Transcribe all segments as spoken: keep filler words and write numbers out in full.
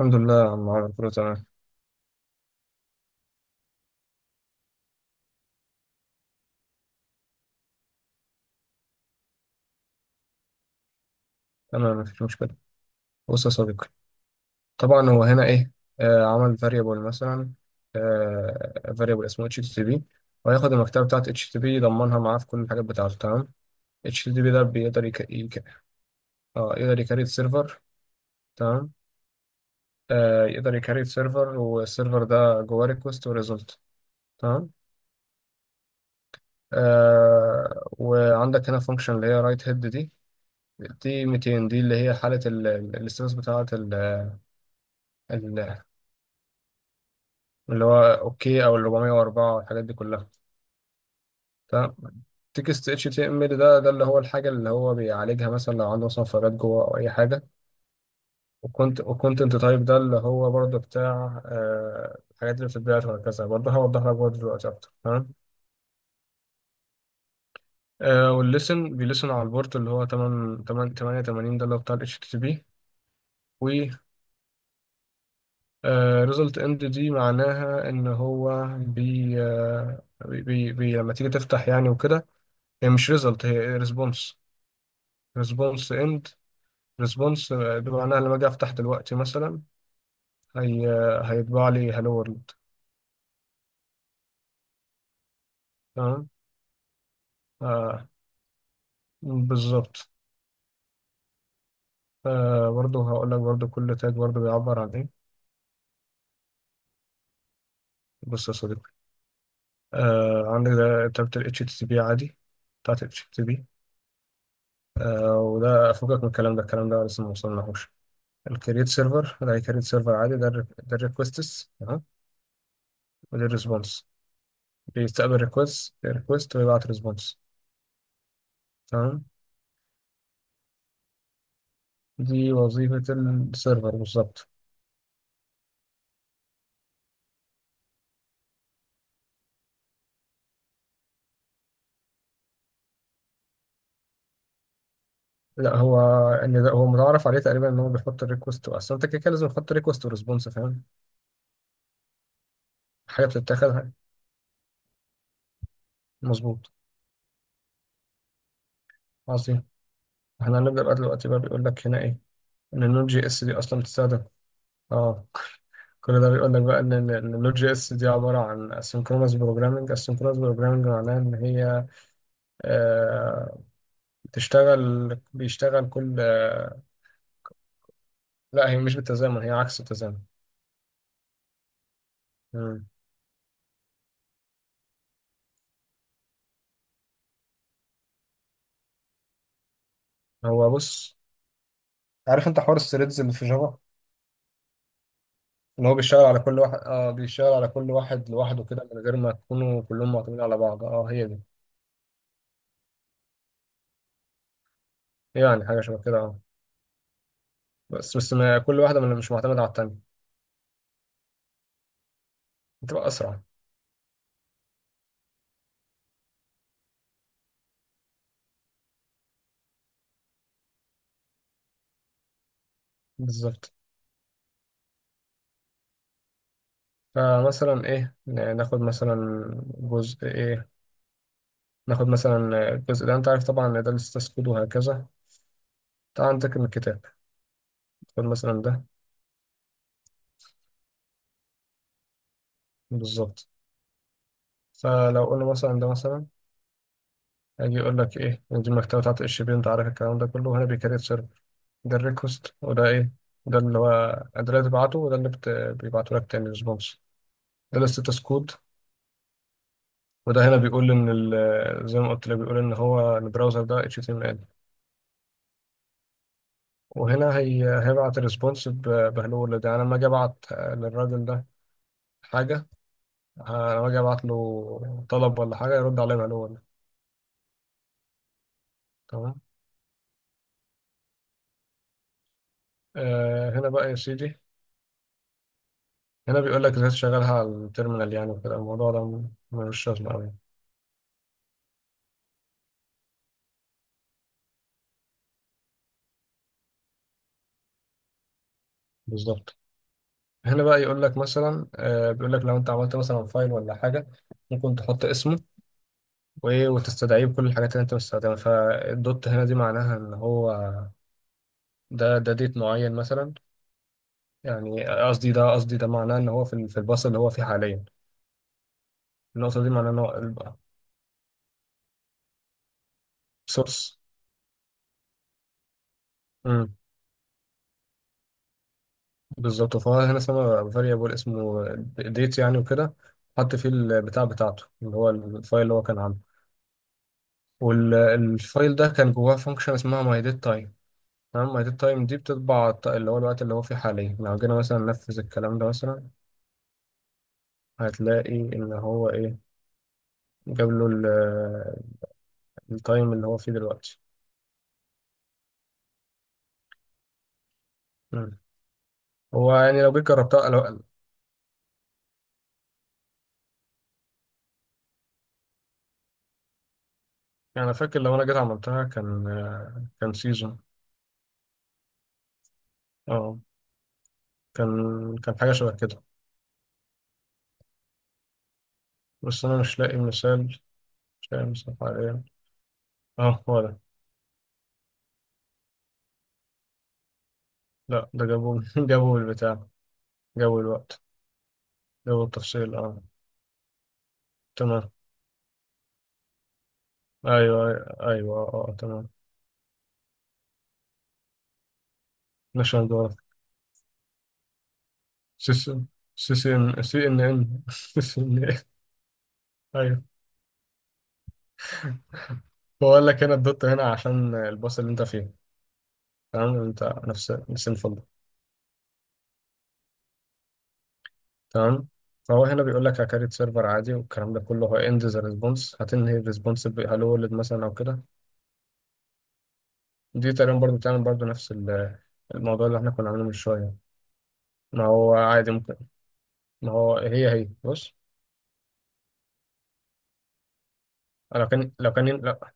الحمد لله يا عم عمرو، كله تمام. انا مفيش مشكله. بص يا صديقي، طبعا هو هنا ايه؟ آه، عمل فاريبل مثلا، آه فاريبل اسمه اتش تي بي، وهياخد المكتبه بتاعت اتش تي بي يضمنها معاه في كل الحاجات بتاعته. تمام. اتش تي بي ده بيقدر يك... يك... اه يقدر يكريت سيرفر. تمام. آه، يقدر يكريت سيرفر، والسيرفر ده جواه ريكوست وريزلت. تمام. آه، وعندك هنا فانكشن اللي هي رايت هيد، دي دي مئتين دي اللي هي حاله الاستاتس بتاعت ال، اللي هو اوكي او ال اربعمية واربعة والحاجات دي كلها. تمام. تكست اتش تي ام ال ده، ده اللي هو الحاجه اللي هو بيعالجها، مثلا لو عنده مثلا فراغات جوه او اي حاجه. وكنت وكونتنت تايب ده اللي هو برضه بتاع آه، الحاجات اللي بتتبعت وهكذا، برضه هوضح لك برضه دلوقتي اكتر. تمام. آه، والليسن بيلسن على البورت اللي هو تمانية تمانية تمانية وتمانين، ده اللي هو بتاع الاتش تي تي بي. و ريزلت اند دي معناها ان هو بي, آه بي, بي, بي لما تيجي تفتح يعني وكده. هي مش ريزلت، هي ريسبونس. ريسبونس اند، ريسبونس بمعناها لما اجي افتح دلوقتي مثلا، هي آه، هيطبع لي هالو وورلد. تمام. آه، بالظبط. آه، برضه هقول لك برضه كل تاج برضه بيعبر عن ايه. بص يا صديقي، آه عندك ده تابة ال اتش تي تي بي عادي، بتاعت ال اتش تي تي بي. وده فوقك من الكلام ده، الكلام ده لسه ما وصلناهوش. الكريت سيرفر ده كريت سيرفر عادي، ده ال، ده الريكوستس. تمام. وده الريسبونس. بيستقبل ريكوست ريكوست ويبعت ريسبونس. تمام. دي وظيفة السيرفر بالظبط. لا هو، ان ده هو متعارف عليه تقريبا ان هو بيحط الريكوست، اصل انت كده كده لازم تحط ريكوست وريسبونس، فاهم. حاجه بتتاخد. مظبوط. عظيم. احنا هنبدا بقى دلوقتي بقى، بيقول لك هنا ايه ان النود جي اس دي اصلا بتستخدم. اه. كل ده بيقول لك بقى ان ال- إن النود جي اس دي عباره عن اسynchronous بروجرامنج. asynchronous بروجرامنج معناها ان هي، آه، بتشتغل بيشتغل كل، آه. لا هي مش بالتزامن، هي عكس التزامن. مم. هو بص، عارف انت حوار الثريدز اللي في جافا؟ ان هو بيشتغل على كل واحد، اه بيشتغل على كل واحد لوحده كده، من غير ما يكونوا كلهم معتمدين على بعض. اه، هي دي. يعني حاجه شبه كده، اه. بس بس ما كل واحده من مش معتمده على التانيه، بتبقى اسرع. بالظبط. فمثلا ايه، ن- ناخد مثلا جزء ايه، ناخد مثلا الجزء ده. انت عارف طبعا ان ده لسه تسكود وهكذا. تعال عندك من الكتاب، خد مثلا ده. بالظبط. فلو قلنا مثلا ده مثلا، هيجي يقول لك ايه، إن دي المكتبه بتاعت الشبيه، انت عارف الكلام ده كله، وهنا بيكريت. ده الريكوست وده ايه، ده اللي هو، ده اللي بتبعته، وده اللي بت... بيبعته لك تاني ريسبونس. ده الستاتس كود. وده هنا بيقول ان ال... زي ما قلت لك، بيقول ان هو البراوزر ده اتش تي ام ال. وهنا هي... هيبعت الريسبونس ب... بهلو. ده انا لما اجي ابعت للراجل ده حاجه، ه- لما اجي ابعت له طلب ولا حاجه يرد عليه بهلو ولا. تمام. آه هنا بقى يا سيدي، هنا بيقول لك ازاي تشغلها على التيرمينال يعني وكده. الموضوع ده م- ملوش لازمه قوي. بالظبط. هنا بقى يقول لك مثلا، آه، بيقول لك لو انت عملت مثلا فايل ولا حاجه، ممكن تحط اسمه وايه وتستدعيه بكل الحاجات اللي انت مستخدمها. فالدوت هنا دي معناها ان هو، ده ده ديت معين مثلا. يعني قصدي ده قصدي ده معناه ان هو في ال- في الباص اللي هو فيه حاليا. النقطه دي معناها ان هو سورس. بالظبط. فهو هنا اسمه فاريبل، اسمه ديت يعني وكده. حط فيه البتاع بتاعته اللي هو الفايل اللي هو كان عامله. والفايل ده كان جواه فانكشن اسمها my date. تمام. ميت التايم دي بتطبع الط- اللي هو الوقت اللي هو فيه حاليا. لو جينا مثلا ننفذ الكلام ده مثلا، هتلاقي ان هو ايه، جاب له ال- التايم اللي هو فيه دلوقتي. مم. هو يعني لو جيت جربتها لو يعني، أنا فاكر لو انا جيت عملتها كان، كان سيزون. اه، كان كان حاجه شبه كده. بس انا مش لاقي مثال، مش لاقي مثال حاليا. اه هو ده. لا ده جابوا جابوا البتاع، جابوا الوقت، جابوا التفصيل اه. تمام، ايوه، ايوه، اه، آه، تمام. نشان. سيس، سيس ان سي ان ان سيس ان ان. ايوه. بقول لك هنا الدوت هنا عشان الباص اللي انت فيه. تمام، انت نفس نفس الفندق. تمام. فهو هنا بيقول لك هكريت سيرفر عادي والكلام ده كله، هو اند ذا ريسبونس. هتنهي الريسبونس هلو ولد مثلا او كده. دي تقريبا برضو بتعمل برضو نفس ال- الموضوع اللي احنا كنا عاملينه من شويه. ما هو عادي ممكن، ما هو هي هي بص. لو كان لو كان، لا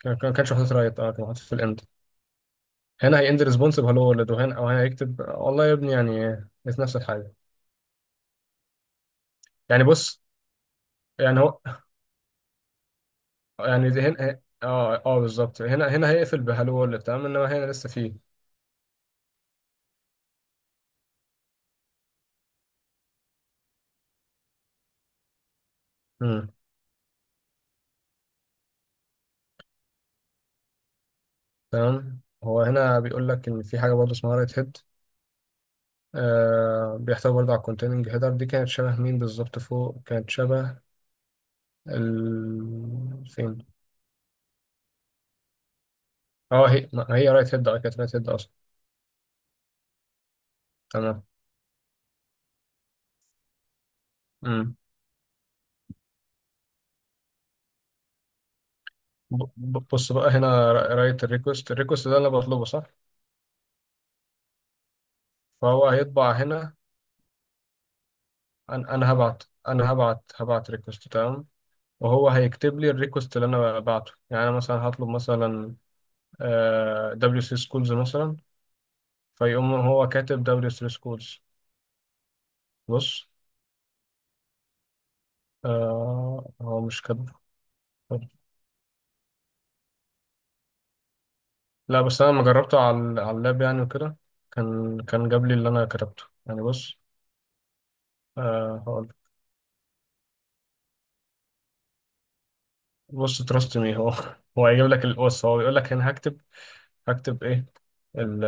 كان كان- كانش محطوط رايت، اه كان محطوط في الاند. هنا هيند ريسبونس بهلو ولد، وهنا او هنا يكتب والله يا ابني يعني، بس نفس الحاجة. يعني بص، يعني هو، يعني دي هنا اه اه بالظبط. هنا هنا هيقفل بهالو وورلد، تمام. انما هنا لسه فيه. امم. تمام، هو هنا بيقول لك ان في حاجه برضه اسمها رايت هيد، آه بيحتوي برضه على الكونتيننج هيدر. دي كانت شبه مين بالظبط؟ فوق كانت شبه، ال فين. اه، هي ما هي رايت هيد، اه كانت رايت هيد اصلا. تمام. امم. ب- ب- بص بقى، هنا رايت الريكوست، الريكوست ده اللي انا بطلبه، صح؟ فهو هيطبع هنا. انا أنا هبعت انا هبعت هبعت ريكوست، تمام. وهو هيكتب لي الريكوست اللي انا بعته يعني. انا مثلا هطلب مثلا دبليو سي سكولز مثلا، فيقوم هو كاتب دبليو سي سكولز. بص، آه، هو مش كاتب. لا، بس انا لما جربته على على اللاب يعني وكده، كان كان جاب لي اللي انا كتبته يعني. بص، آه هقول، بص تراست مي هو هو هيجيب لك ال- بص هو بيقول لك هنا هكتب، هكتب ايه، ال،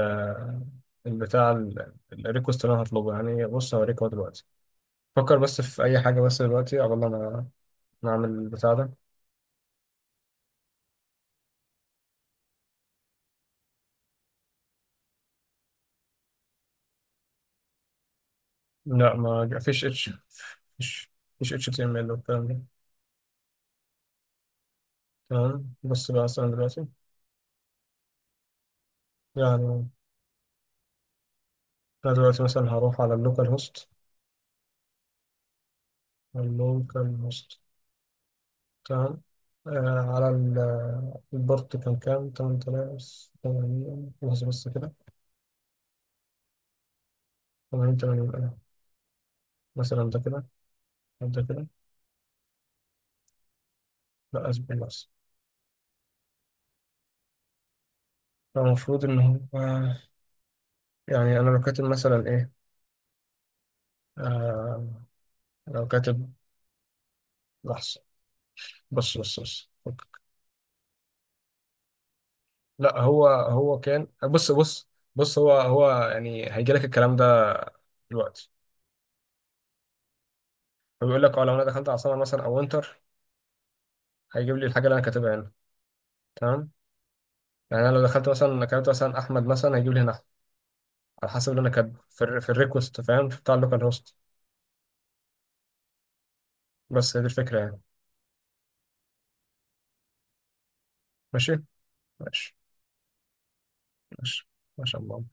البتاع ال- الريكوست اللي انا هطلبه يعني. بص هوريك اهو دلوقتي. فكر بس في اي حاجه بس دلوقتي قبل ما نعمل البتاع ده. لا ما جا- فيش اتش فيش فيش اتش تي ام ال والكلام ده. تمام. بص بقى مثلا دلوقتي، يعني انا دلوقتي مثلا هروح على اللوكال هوست. اللوكال هوست، تمام. آه على ال- البورت، كان كام، تمانين تمانين. لحظة بس كده. تمانين تمانين، مثلا ده كده، أو ده كده. لا اصبر بس. فالمفروض ان هو، يعني انا لو كاتب مثلا ايه، آه، لو كاتب، لحظة، بص بص بص لا هو هو كان، بص بص بص، هو هو يعني هيجي لك الكلام ده دلوقتي. فبيقول لك اه، لو انا دخلت على سمر مثلا او وينتر، هيجيب لي الحاجه اللي انا كاتبها هنا. تمام. يعني انا لو دخلت مثلا كتبت مثلا احمد مثلا، هيجيب لي هنا أحمد، على حسب اللي انا كاتبه في الر- في الريكوست، فاهم، في بتاع اللوكال هوست. بس هي دي الفكره يعني. ماشي، ماشي ماشي ما شاء الله.